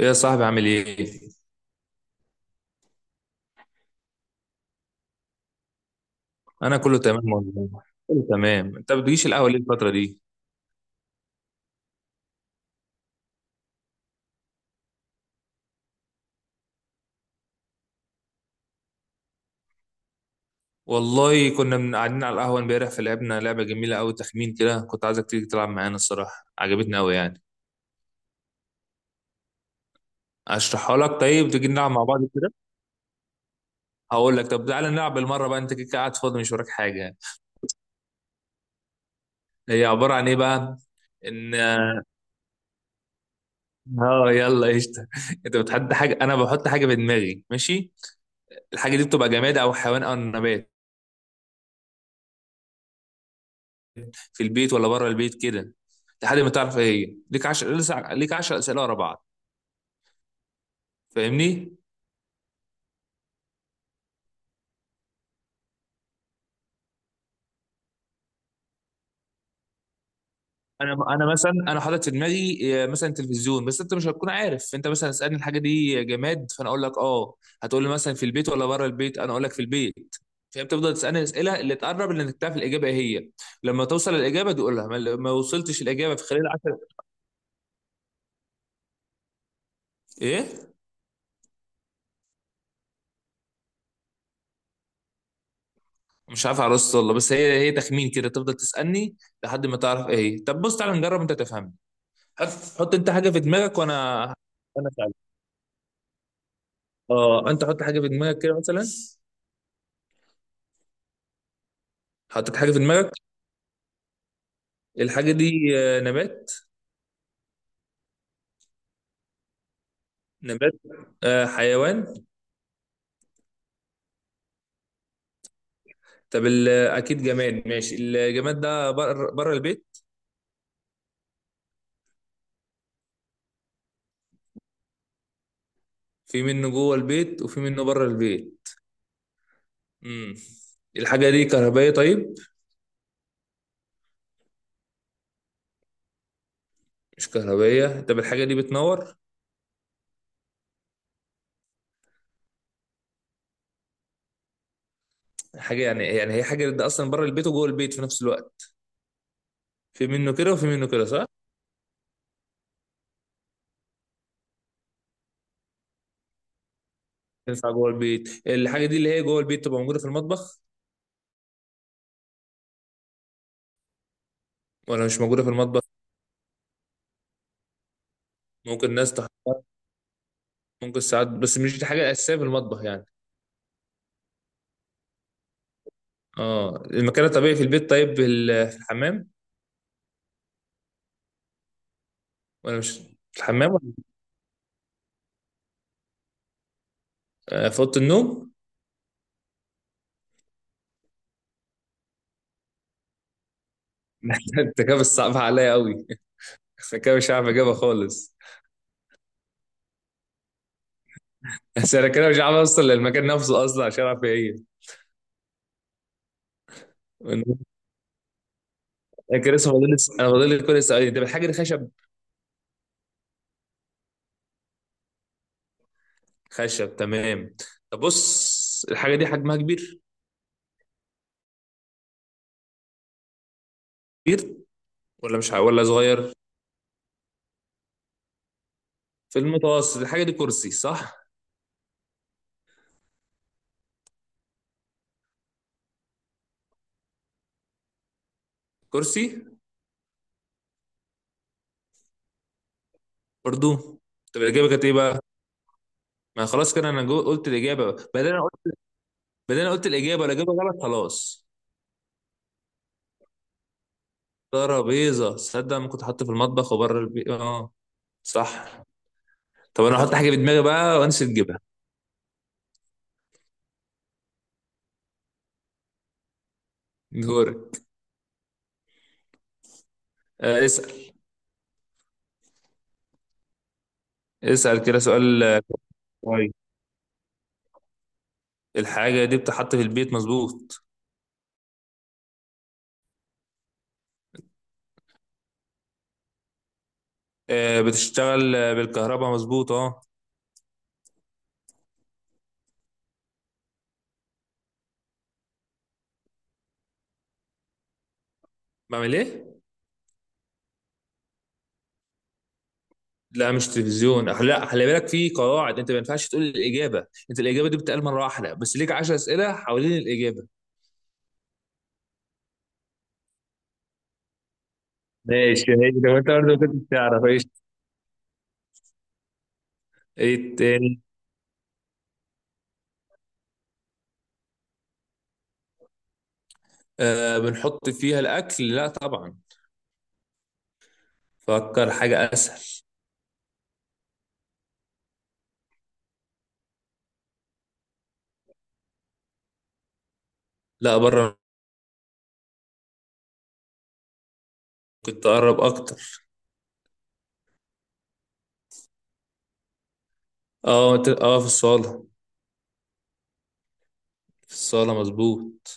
ايه يا صاحبي؟ عامل ايه؟ انا كله تمام والله، كله تمام. انت ما بتجيش القهوه ليه الفتره دي؟ والله كنا من قاعدين على القهوه امبارح فلعبنا لعبه جميله قوي، تخمين كده، كنت عايزك تيجي تلعب معانا. الصراحه عجبتني قوي يعني. اشرحها لك، طيب تيجي نلعب مع بعض كده؟ هقول لك، طب تعالى نلعب بالمره بقى، انت كده كده قاعد فاضي مش وراك حاجه يعني. هي عباره عن ايه بقى؟ ان اه يلا قشطه انت بتحط حاجه، انا بحط حاجه في دماغي، ماشي؟ الحاجه دي بتبقى جماد او حيوان او نبات، في البيت ولا بره البيت كده، لحد ما تعرف ايه هي. ليك 10 اسئله ورا بعض، فاهمني؟ انا مثلا انا حاطط في دماغي مثلا تلفزيون، بس انت مش هتكون عارف. انت مثلا اسالني الحاجه دي جماد، فانا اقول لك اه. هتقول لي مثلا في البيت ولا بره البيت، انا اقول لك في البيت. فانت تفضل تسالني الاسئله اللي تقرب اللي انك تعرف الاجابه ايه هي. لما توصل الاجابه تقولها، ما وصلتش الاجابه في خلال 10. ايه، مش عارف عرست والله، بس هي تخمين كده، تفضل تسالني لحد ما تعرف ايه هي. طب بص تعالى نجرب انت تفهم. حط حط انت حاجه في دماغك، وانا اسالك. اه، انت حط حاجه في دماغك كده مثلا. حطيت حاجه في دماغك؟ الحاجه دي نبات؟ نبات، حيوان؟ طب اكيد جماد، ماشي. الجماد ده بره، البيت؟ في منه جوه البيت وفي منه بره البيت. امم، الحاجه دي كهربائيه؟ طيب مش كهربائيه. طب الحاجه دي بتنور؟ حاجه يعني، يعني هي حاجه ده اصلا بره البيت وجوه البيت في نفس الوقت؟ في منه كده وفي منه كده، صح. تنفع جوه البيت. الحاجه دي اللي هي جوه البيت تبقى موجوده في المطبخ ولا مش موجودة في المطبخ؟ ممكن ناس تحطها، ممكن ساعات، بس مش دي حاجة أساسية في المطبخ يعني. اه، المكان الطبيعي في البيت، طيب في الحمام؟ ولا مش في الحمام ولا في أوضة النوم؟ انت كده بتصعب عليا قوي، انا كده مش عارف اجابها خالص. بس انا كده مش عارف اوصل للمكان نفسه اصلا عشان اعرف ايه هي. انا كده لسه فاضل لي- س- انا فاضل لي كل سؤالين. طب الحاجه دي خشب؟ خشب، تمام. طب بص الحاجه دي حجمها كبير؟ كبير ولا مش ع- ولا صغير؟ في المتوسط. الحاجه دي كرسي، صح؟ كرسي؟ برضو؟ طب الاجابه كانت ايه بقى؟ ما خلاص كده، قلت الاجابه، بدل انا قلت الاجابه، الاجابه غلط خلاص. ترابيزه! تصدق ما كنت حاطه في المطبخ وبره البيت؟ اه، صح. طب انا هحط حاجه في دماغي بقى، وانسى تجيبها. دورك. آه اسال كده سؤال كويس. الحاجه دي بتحط في البيت، مظبوط. بتشتغل بالكهرباء، مظبوط، اه. بعمل ايه؟ لا مش تلفزيون، لا، خلي بالك في قواعد، انت ما ينفعش تقول الاجابه. انت الاجابه دي بتتقال مره واحده بس، ليك 10 اسئله حوالين الاجابه. ماشي، هي لو انت برضه كنت تعرف ايش. ايه تاني؟ بنحط فيها الاكل؟ لا طبعا. فكر حاجه اسهل. لا، بره. كنت اقرب اكتر. اه في الصاله. في الصاله، مظبوط.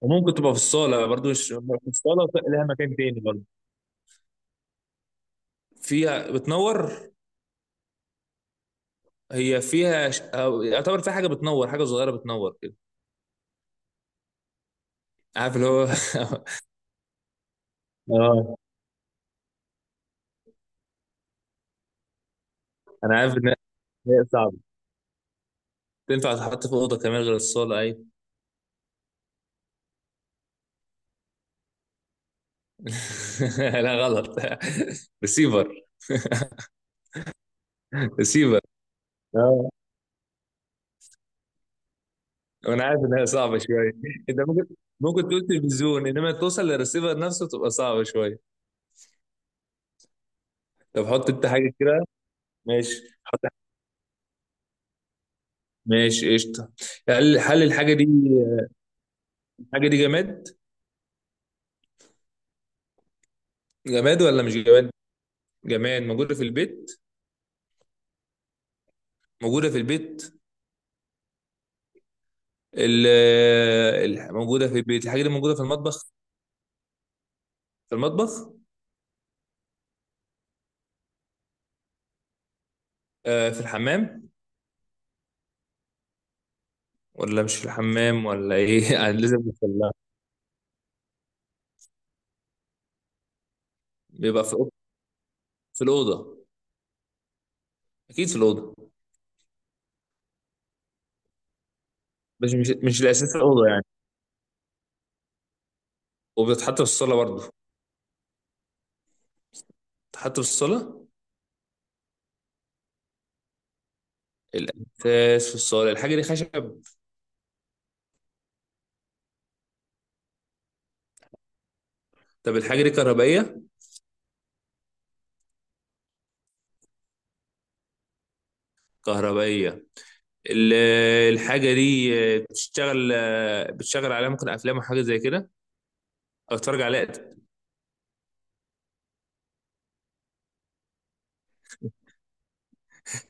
وممكن تبقى في الصاله برضه، مش في الصاله، لها مكان تاني برضه. فيها بتنور، هي فيها أو يعتبر فيها حاجه بتنور، حاجه صغيره بتنور كده. عارف اللي هو؟ اه. انا عارف ان هي صعبه، تنفع تتحط في اوضه كمان غير الصاله، ايوه. لا غلط. ريسيفر. ريسيفر، اه. وانا عارف انها صعبه شويه، انت ممكن تقول تلفزيون، انما توصل للريسيفر نفسه تبقى صعبه شويه. طب حط انت حاجه كده، ماشي، حط حاجة. ماشي قشطه. هل الحاجه دي، الحاجه دي جماد؟ جماد ولا مش جماد؟ جماد موجوده في البيت؟ موجوده في البيت. ال... موجوده في البيت، الحاجه دي موجوده في المطبخ؟ في المطبخ؟ في الحمام؟ ولا مش في الحمام ولا ايه؟ يعني لازم نوصل. بيبقى في الأوضة؟ في الأوضة؟ أكيد في الأوضة. مش الأساس في الأوضة يعني. وبتتحط في الصالة برضه، بتتحط في الصالة، الأساس في الصالة. الحاجة دي خشب؟ طب الحاجة دي كهربائية؟ كهربائية. ال- الحاجة دي بتشتغل، بتشتغل عليها ممكن أفلام وحاجة زي كده، أو تتفرج عليها.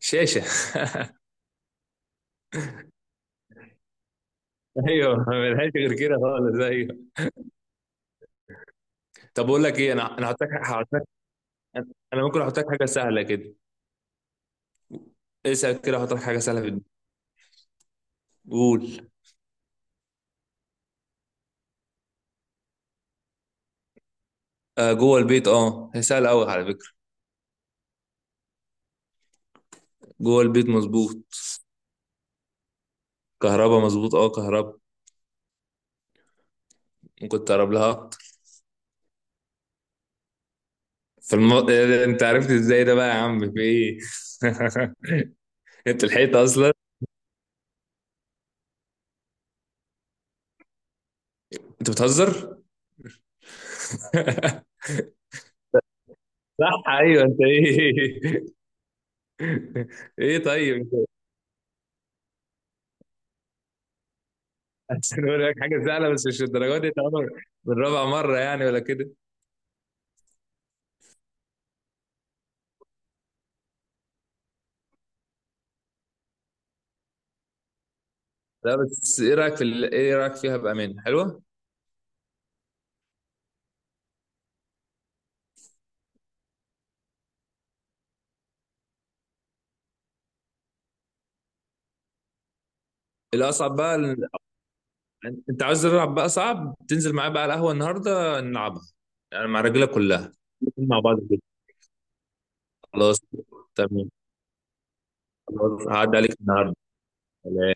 شاشة! ايوه، ملهاش غير كده خالص، ايوه. طب اقول لك ايه، انا هحط لك، انا ممكن احط لك حاجه سهله كده. اسال كده، احط لك حاجه سهله في الدنيا. قول. آه جوه البيت، اه، هي سهله قوي على فكره. جوه البيت مظبوط. كهربا مظبوط، اه كهربا. ممكن تقرب لها اكتر. إيه ده؟ انت عرفت ازاي ده بقى يا عم في ايه؟ انت لحقت اصلا، انت بتهزر. صح، ايوه، انت ايه. ايه طيب انت. عشان اقول لك حاجه سهله بس مش الدرجات دي طبعا. بالرابع مره يعني ولا كده؟ لا بس ايه رايك في ايه رايك فيها بامان، حلوه؟ الاصعب بقى انت عاوز تلعب بقى صعب؟ تنزل معايا بقى على القهوه النهارده نلعبها، يعني مع الرجاله كلها، مع بعض كده. خلاص تمام. خلاص هعدي عليك النهارده. سلام.